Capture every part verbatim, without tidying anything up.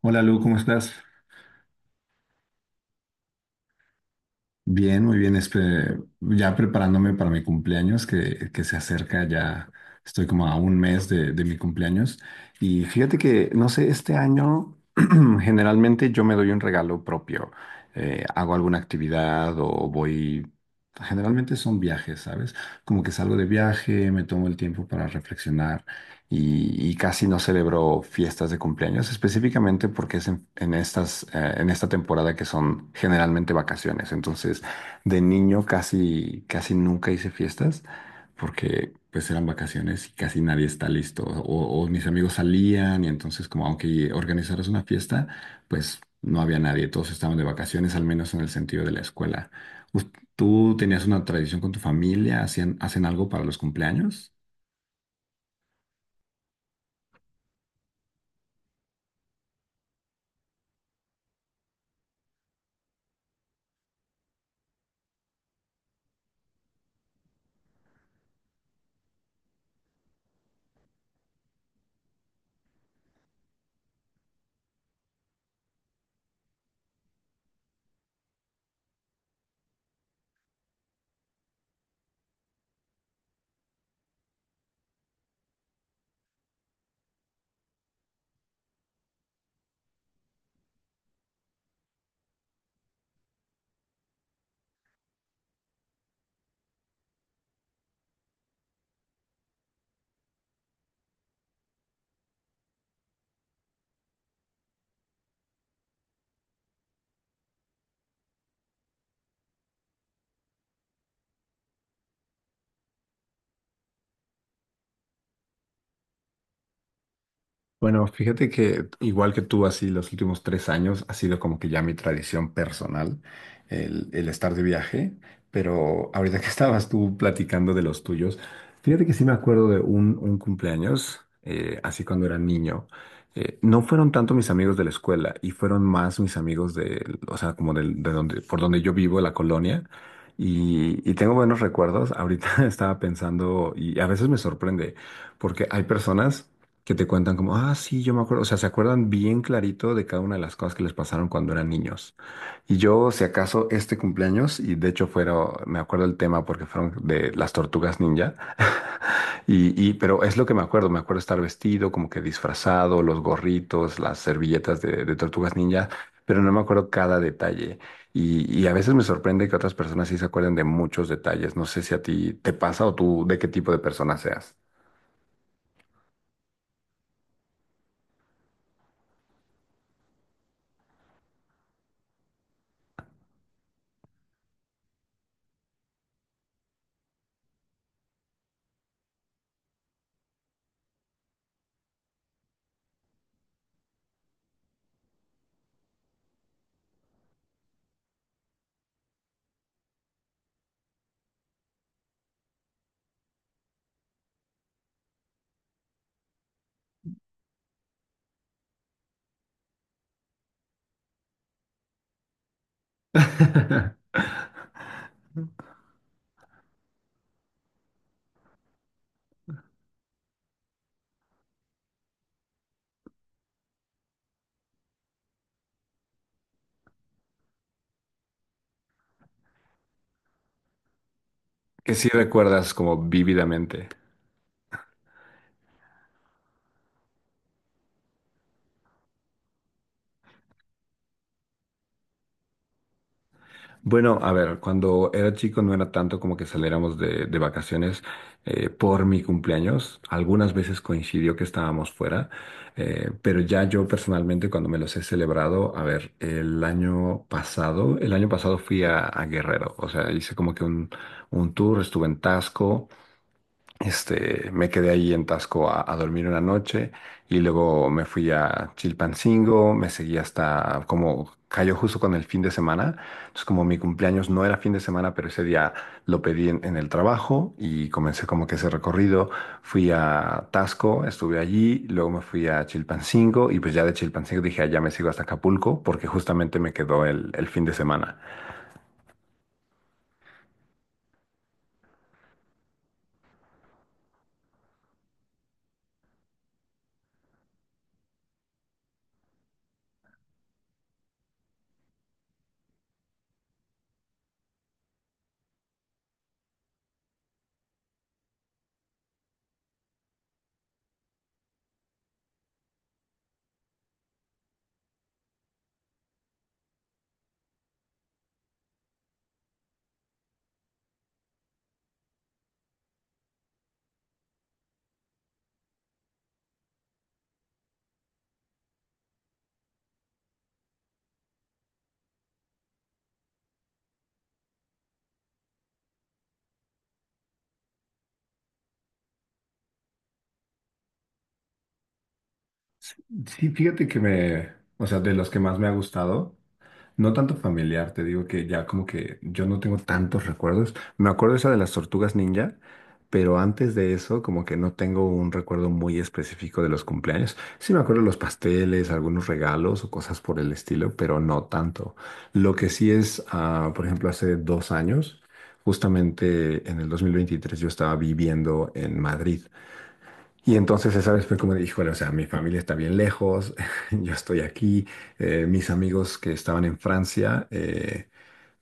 Hola Lu, ¿cómo estás? Bien, muy bien. Espe- ya preparándome para mi cumpleaños que, que se acerca, ya estoy como a un mes de, de mi cumpleaños. Y fíjate que, no sé, este año generalmente yo me doy un regalo propio. Eh, hago alguna actividad o voy... Generalmente son viajes, ¿sabes? Como que salgo de viaje, me tomo el tiempo para reflexionar y, y casi no celebró fiestas de cumpleaños, específicamente porque es en, en estas, eh, en esta temporada que son generalmente vacaciones. Entonces, de niño casi, casi nunca hice fiestas porque pues eran vacaciones y casi nadie está listo. O, o mis amigos salían y entonces como aunque organizaras una fiesta, pues no había nadie, todos estaban de vacaciones, al menos en el sentido de la escuela. ¿Us- ¿Tú tenías una tradición con tu familia? ¿Hacían, hacen algo para los cumpleaños? Bueno, fíjate que igual que tú, así los últimos tres años ha sido como que ya mi tradición personal el, el estar de viaje, pero ahorita que estabas tú platicando de los tuyos, fíjate que sí me acuerdo de un, un cumpleaños, eh, así cuando era niño. Eh, no fueron tanto mis amigos de la escuela y fueron más mis amigos de, o sea, como del- de, donde, por donde yo vivo, la colonia. Y, y tengo buenos recuerdos. Ahorita estaba pensando, y a veces me sorprende, porque hay personas que te cuentan como, ah, sí, yo me acuerdo, o sea, se acuerdan bien clarito de cada una de las cosas que les pasaron cuando eran niños. Y yo, si acaso, este cumpleaños, y de hecho fueron, me acuerdo el tema porque fueron de las tortugas ninja, y, y, pero es lo que me acuerdo, me acuerdo estar vestido, como que disfrazado, los gorritos, las servilletas de, de tortugas ninja, pero no me acuerdo cada detalle. Y, y a veces me sorprende que otras personas sí se acuerden de muchos detalles. No sé si a ti te pasa o tú de qué tipo de persona seas. Que sí recuerdas como vívidamente. Bueno, a ver, cuando era chico no era tanto como que saliéramos de, de vacaciones eh, por mi cumpleaños. Algunas veces coincidió que estábamos fuera, eh, pero ya yo personalmente cuando me los he celebrado, a ver, el año pasado, el año pasado fui a, a Guerrero, o sea, hice como que un, un tour, estuve en Tasco. Este, me quedé ahí en Tasco a, a dormir una noche y luego me fui a Chilpancingo, me seguí hasta como cayó justo con el fin de semana. Entonces, como mi cumpleaños no era fin de semana, pero ese día lo pedí en, en el trabajo y comencé como que ese recorrido. Fui a Tasco, estuve allí, luego me fui a Chilpancingo y pues ya de Chilpancingo dije, "Ah, ya me sigo hasta Acapulco porque justamente me quedó el, el fin de semana." Sí, fíjate que me, o sea, de los que más me ha gustado. No tanto familiar, te digo que ya como que yo no tengo tantos recuerdos. Me acuerdo esa de las tortugas ninja, pero antes de eso como que no tengo un recuerdo muy específico de los cumpleaños. Sí me acuerdo de los pasteles, algunos regalos o cosas por el estilo, pero no tanto. Lo que sí es, ah, por ejemplo, hace dos años, justamente en el dos mil veintitrés yo estaba viviendo en Madrid. Y entonces esa vez fue como de, híjole, o sea, mi familia está bien lejos, yo estoy aquí, eh, mis amigos que estaban en Francia, eh,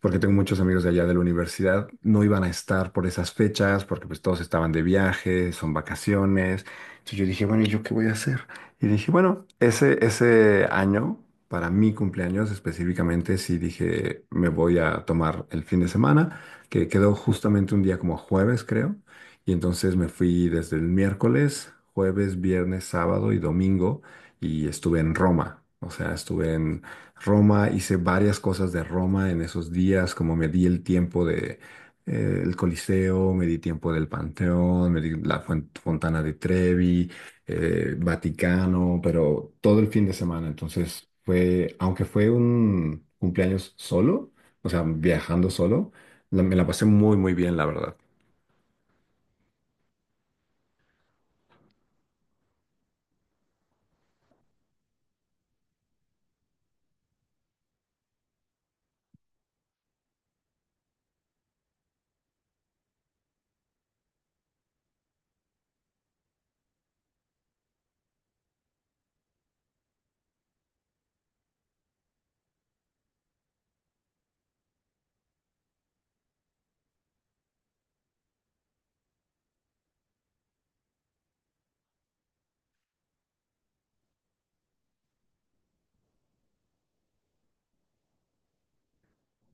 porque tengo muchos amigos de allá de la universidad, no iban a estar por esas fechas, porque pues todos estaban de viaje, son vacaciones. Entonces yo dije, bueno, ¿y yo qué voy a hacer? Y dije, bueno, ese, ese año, para mi cumpleaños específicamente, sí dije, me voy a tomar el fin de semana, que quedó justamente un día como jueves, creo. Y entonces me fui desde el miércoles, jueves, viernes, sábado y domingo, y estuve en Roma. O sea, estuve en Roma, hice varias cosas de Roma en esos días, como me di el tiempo de eh, el Coliseo, me di tiempo del Panteón, me di la fuen- Fontana de Trevi, eh, Vaticano, pero todo el fin de semana. Entonces fue, aunque fue un cumpleaños solo, o sea, viajando solo, la- me la pasé muy, muy bien, la verdad.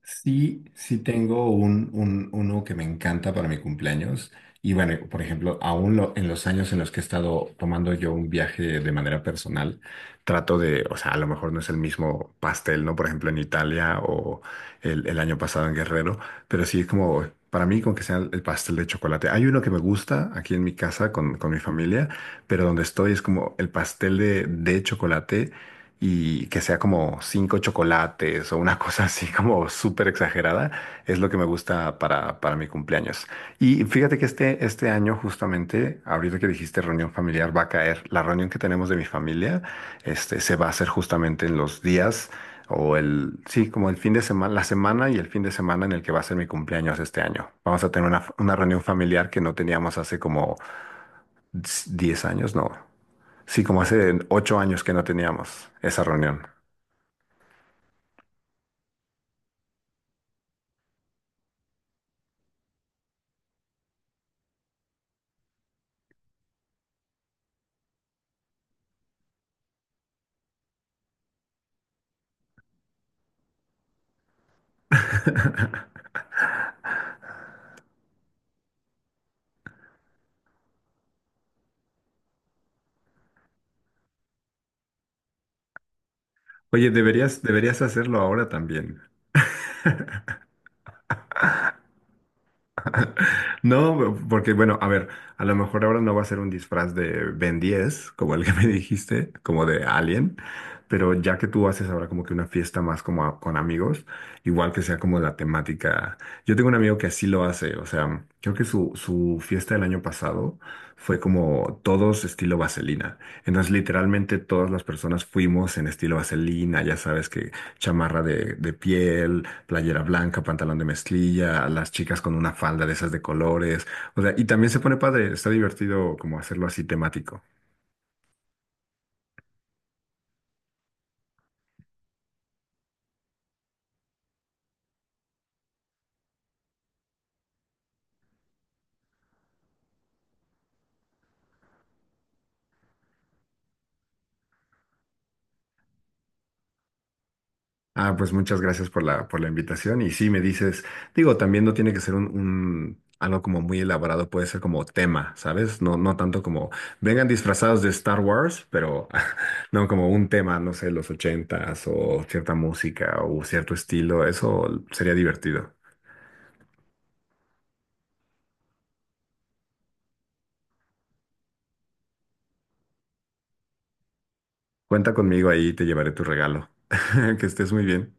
Sí, sí tengo un, un- uno que me encanta para mi cumpleaños. Y bueno, por ejemplo, aún lo- en los años en los que he estado tomando yo un viaje de manera personal, trato de, o sea, a lo mejor no es el mismo pastel, ¿no? Por ejemplo, en Italia o el, el año pasado en Guerrero, pero sí es como, para mí, con que sea el pastel de chocolate. Hay uno que me gusta aquí en mi casa con, con mi familia, pero donde estoy es como el pastel de, de chocolate y que sea como cinco chocolates o una cosa así como súper exagerada, es lo que me gusta para, para mi cumpleaños. Y fíjate que este, este año justamente, ahorita que dijiste reunión familiar, va a caer. La reunión que tenemos de mi familia, este, se va a hacer justamente en los días o el, sí, como el fin de semana, la semana y el fin de semana en el que va a ser mi cumpleaños este año. Vamos a tener una, una reunión familiar que no teníamos hace como diez años, no. Sí, como hace ocho años que no teníamos esa reunión. Oye, deberías, deberías hacerlo ahora también. No, porque bueno, a ver, a lo mejor ahora no va a ser un disfraz de Ben diez, como el que me dijiste, como de Alien, pero ya que tú haces ahora como que una fiesta más como a- con amigos, igual que sea como la temática. Yo tengo un amigo que así lo hace, o sea, creo que su, su fiesta del año pasado fue como todos estilo vaselina. Entonces, literalmente todas las personas fuimos en estilo vaselina, ya sabes que chamarra de, de piel, playera blanca, pantalón de mezclilla, las chicas con una falda de esas de colores. O sea, y también se pone padre, está divertido como hacerlo así temático. Ah, pues muchas gracias por la, por la invitación. Y sí, me dices, digo, también no tiene que ser un, un- algo como muy elaborado, puede ser como tema, ¿sabes? No, no tanto como vengan disfrazados de Star Wars, pero no como un tema, no sé, los ochentas o cierta música o cierto estilo. Eso sería divertido. Cuenta conmigo ahí, te llevaré tu regalo. Que estés muy bien.